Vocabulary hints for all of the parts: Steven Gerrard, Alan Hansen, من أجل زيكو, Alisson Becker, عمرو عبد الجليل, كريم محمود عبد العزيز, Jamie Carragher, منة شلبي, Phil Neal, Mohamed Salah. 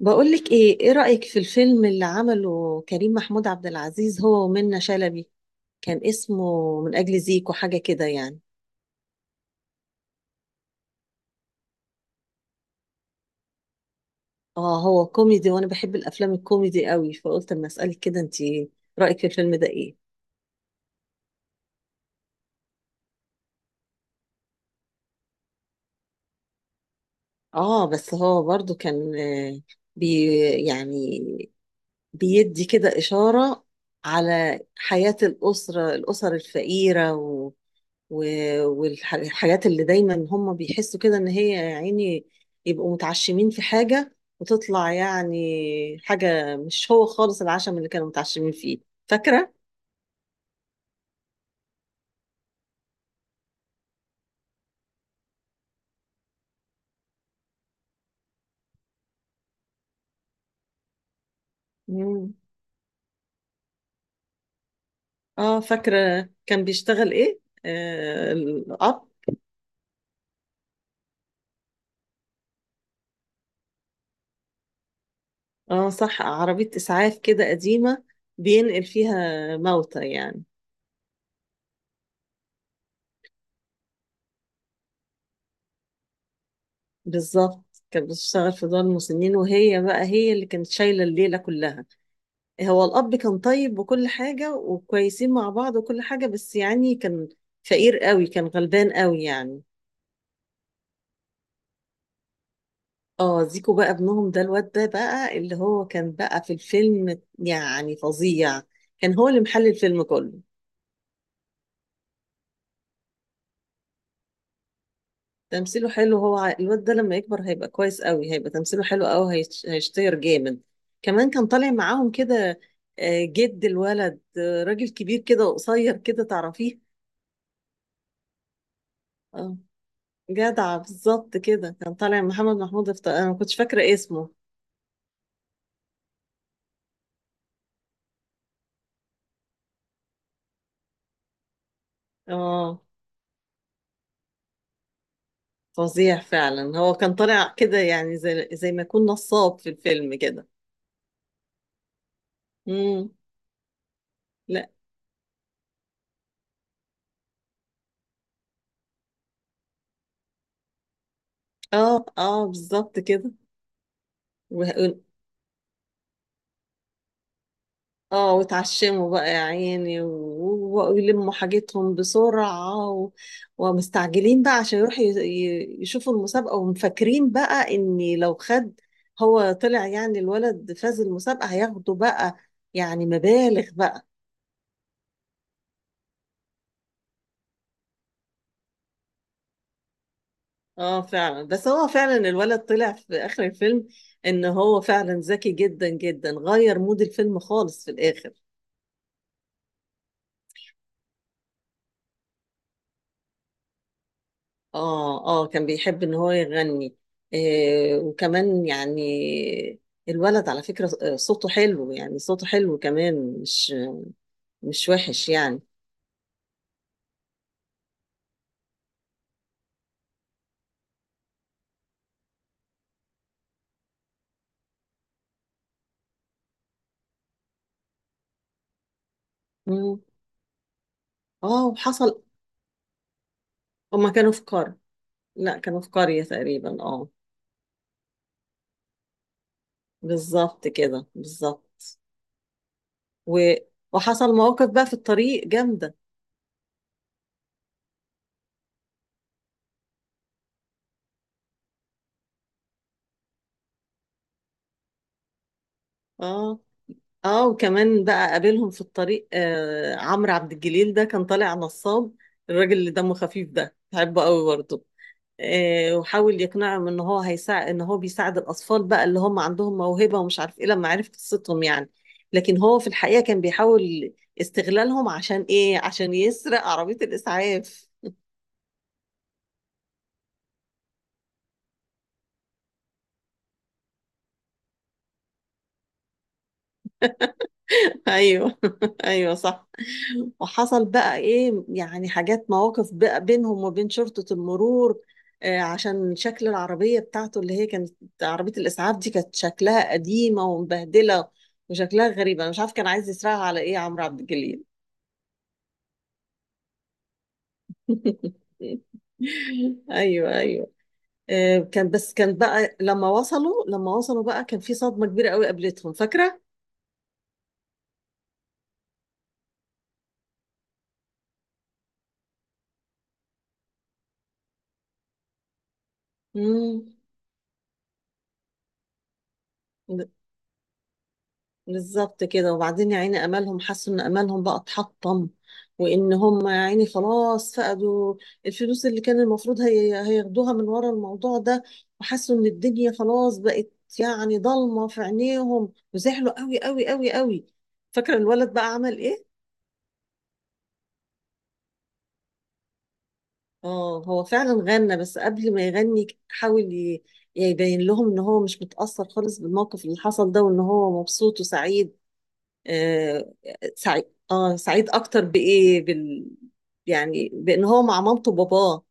بقولك ايه، ايه رأيك في الفيلم اللي عمله كريم محمود عبد العزيز هو ومنة شلبي؟ كان اسمه من أجل زيكو، حاجة كده يعني. اه هو كوميدي وانا بحب الافلام الكوميدي قوي، فقلت اما اسألك كده انت، رأيك في الفيلم ده ايه. اه بس هو برضو كان بي يعني بيدي كده إشارة على حياة الأسرة، الأسر الفقيرة، والحاجات اللي دايما هم بيحسوا كده ان هي يا عيني يبقوا متعشمين في حاجة وتطلع يعني حاجة مش هو خالص العشم اللي كانوا متعشمين فيه. فاكرة؟ مم. اه فاكرة، كان بيشتغل ايه؟ آه الأب. اه صح، عربية إسعاف كده قديمة بينقل فيها موتى يعني. بالظبط، كانت بتشتغل في دار المسنين، وهي بقى هي اللي كانت شايلة الليلة كلها. هو الأب كان طيب وكل حاجة، وكويسين مع بعض وكل حاجة، بس يعني كان فقير قوي، كان غلبان قوي يعني. اه زيكو بقى ابنهم، ده الواد ده بقى اللي هو كان بقى في الفيلم يعني فظيع، كان هو اللي محل الفيلم كله. تمثيله حلو، هو الواد ده لما يكبر هيبقى كويس قوي، هيبقى تمثيله حلو قوي، هيشتهر جامد. كمان كان طالع معاهم كده جد الولد، راجل كبير كده وقصير كده، تعرفيه. اه جدع، بالظبط كده، كان طالع محمد محمود انا ما كنتش فاكره اسمه. اه فظيع فعلا، هو كان طالع كده يعني زي ما يكون نصاب في الفيلم كده. امم لا. اه اه بالظبط كده. وه- اه وتعشموا بقى يا عيني ويلموا حاجتهم بسرعة ومستعجلين بقى عشان يروحوا يشوفوا المسابقة، ومفكرين بقى ان لو خد هو طلع يعني الولد، فاز المسابقة، هياخدوا بقى يعني مبالغ بقى. اه فعلا، بس هو فعلا الولد طلع في اخر الفيلم ان هو فعلا ذكي جدا جدا، غير مود الفيلم خالص في الاخر. اه اه كان بيحب ان هو يغني. آه وكمان يعني الولد على فكرة صوته حلو يعني، صوته حلو كمان، مش وحش يعني. مم. اه وحصل. هما كانوا في قرية. لا كانوا في قرية تقريبا، اه. بالظبط كده، بالظبط. و... وحصل مواقف بقى في الطريق جامدة. اه اه، وكمان بقى قابلهم في الطريق آه عمرو عبد الجليل ده، كان طالع نصاب. الراجل اللي دمه خفيف ده بحبه قوي برضه. آه وحاول يقنعهم ان هو هيساعد، ان هو بيساعد الاطفال بقى اللي هم عندهم موهبة ومش عارف ايه، لما عرف قصتهم يعني. لكن هو في الحقيقة كان بيحاول استغلالهم عشان ايه، عشان يسرق عربية الاسعاف. ايوه. ايوه صح. وحصل بقى ايه يعني، حاجات مواقف بقى بينهم وبين شرطة المرور، عشان شكل العربية بتاعته اللي هي كانت، عربية الإسعاف دي كانت شكلها قديمة ومبهدلة وشكلها غريب. أنا مش عارف كان عايز يسرقها على إيه عمرو عبد الجليل. أيوه أيوه. كان بقى لما وصلوا بقى كان في صدمة كبيرة قوي قابلتهم، فاكرة؟ مم. بالظبط كده. وبعدين يا عيني امالهم، حسوا ان امالهم بقى اتحطم، وان هم يا عيني خلاص فقدوا الفلوس اللي كان المفروض هي هياخدوها من ورا الموضوع ده، وحسوا ان الدنيا خلاص بقت يعني ضلمه في عينيهم، وزعلوا قوي قوي قوي قوي. فاكره الولد بقى عمل ايه؟ اه هو فعلا غنى، بس قبل ما يغني حاول يبين لهم ان هو مش متاثر خالص بالموقف اللي حصل ده، وان هو مبسوط وسعيد. آه سعيد. اه سعيد اكتر يعني بان هو مع مامته وباباه.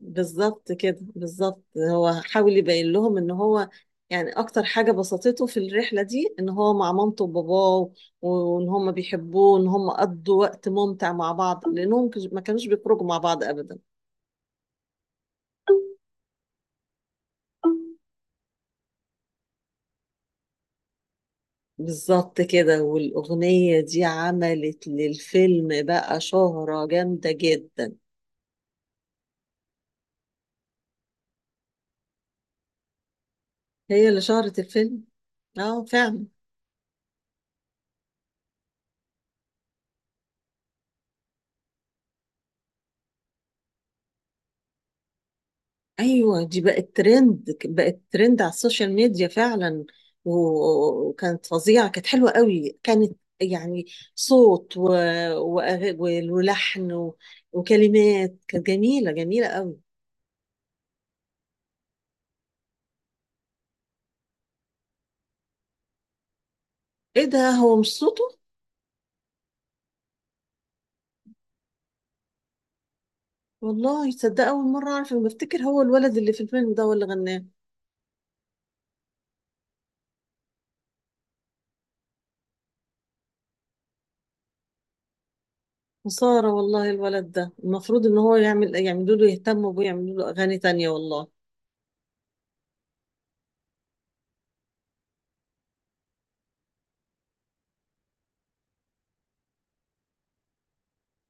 بالظبط كده، بالظبط. هو حاول يبين لهم ان هو يعني اكتر حاجة بسطته في الرحلة دي ان هو مع مامته وباباه، وان هم بيحبوه، وان هم قضوا وقت ممتع مع بعض، لانهم ما كانوش بيخرجوا مع بعض ابدا. بالظبط كده، والاغنية دي عملت للفيلم بقى شهرة جامدة جدا. هي اللي شهرت الفيلم. اه فعلا. ايوه دي بقت ترند، بقت ترند على السوشيال ميديا فعلا. وكانت فظيعه، كانت حلوه قوي، كانت يعني صوت و... وأغ- ولحن وكلمات، كانت جميله جميله قوي. ايه ده، هو مش صوته؟ والله تصدق اول مره اعرف، أنا بفتكر هو الولد اللي في الفيلم ده هو اللي غناه. خساره والله الولد ده، المفروض ان هو يعمل، يعملوا له، يهتموا بيه، يعملوا له اغاني تانية والله.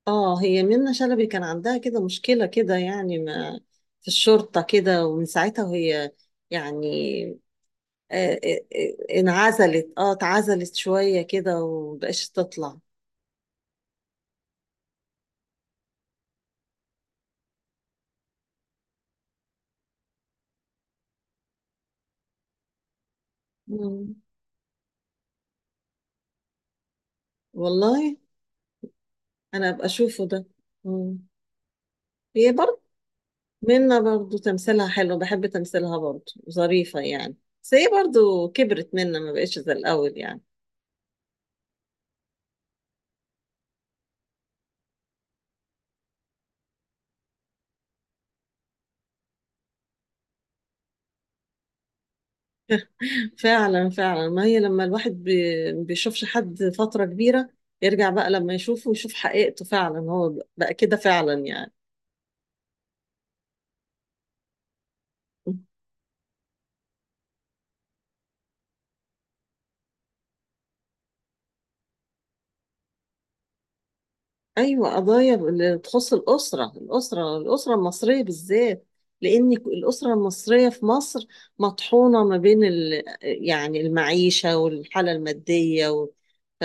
اه هي منة شلبي كان عندها كده مشكلة كده يعني، ما في الشرطة كده، ومن ساعتها وهي يعني آه، آه، انعزلت، اه اتعزلت شوية كده ومبقاش تطلع. مم. والله، انا ابقى اشوفه ده. مم. هي برضه منة برضه تمثيلها حلو، بحب تمثيلها برضه، ظريفة يعني. بس هي برضه كبرت منة، ما بقتش زي الاول يعني. فعلا فعلا، ما هي لما الواحد بيشوفش حد فترة كبيرة، يرجع بقى لما يشوفه يشوف حقيقته فعلا، هو بقى كده فعلا يعني. أيوة قضايا اللي تخص الأسرة، الأسرة، الأسرة المصرية بالذات. لأن الأسرة المصرية في مصر مطحونة ما بين يعني المعيشة والحالة المادية ف-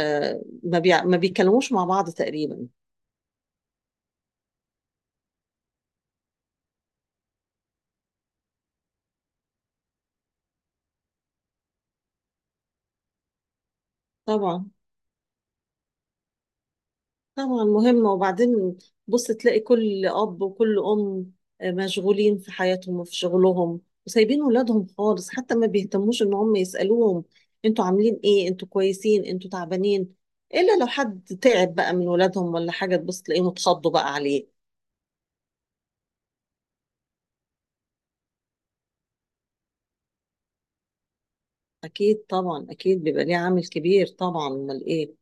ما بيتكلموش مع بعض تقريبا. طبعا. طبعا مهمة. وبعدين بص تلاقي كل أب وكل أم مشغولين في حياتهم وفي شغلهم، وسايبين ولادهم خالص، حتى ما بيهتموش إن هم يسألوهم أنتوا عاملين إيه، أنتوا كويسين، أنتوا تعبانين. إلا لو حد تعب بقى من ولادهم ولا حاجة، تبص تلاقيهم اتخضوا بقى عليه. أكيد طبعا، أكيد بيبقى ليه عامل كبير طبعا، أمال إيه.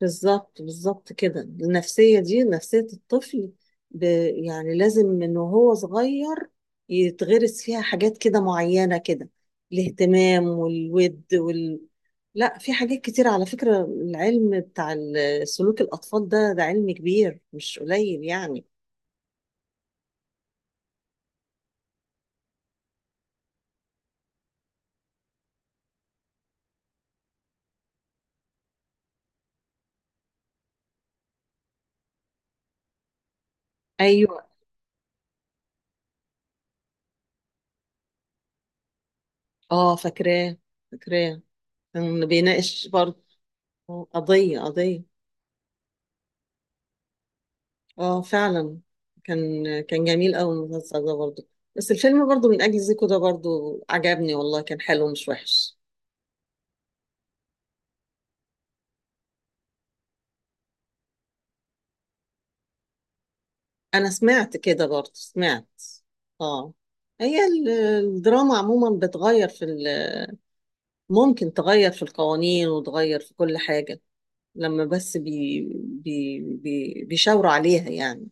بالظبط، بالظبط كده، النفسية دي نفسية الطفل ب... يعني لازم من وهو صغير يتغرس فيها حاجات كده معينة كده، الاهتمام والود لا، في حاجات كتير على فكرة. العلم بتاع سلوك الأطفال ده، ده علم كبير مش قليل يعني. أيوة. اه فاكراه، فاكراه. كان بيناقش برضه قضية، قضية. اه فعلا. كان كان جميل قوي المسلسل ده برضه. بس الفيلم برضه من اجل زيكو ده برضه عجبني والله، كان حلو مش وحش. انا سمعت كده برضه، سمعت. اه. هي الدراما عموما بتغير في ممكن تغير في القوانين، وتغير في كل حاجة، لما بس بي بي بي بيشاوروا عليها يعني.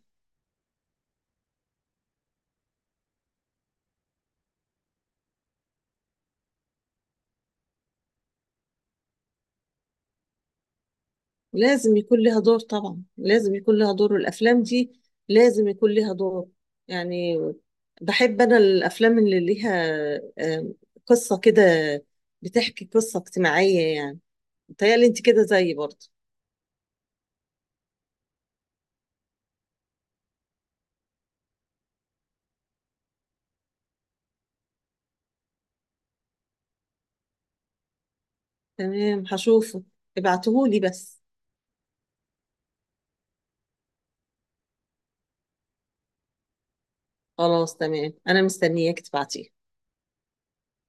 لازم يكون لها دور طبعا، لازم يكون لها دور، والأفلام دي لازم يكون لها دور يعني. بحب أنا الأفلام اللي ليها آم، قصة كده، بتحكي قصة اجتماعية يعني. متهيألي أنت كده زيي برضه. تمام هشوفه، ابعتهولي بس. خلاص تمام، أنا مستنياك تبعتيه.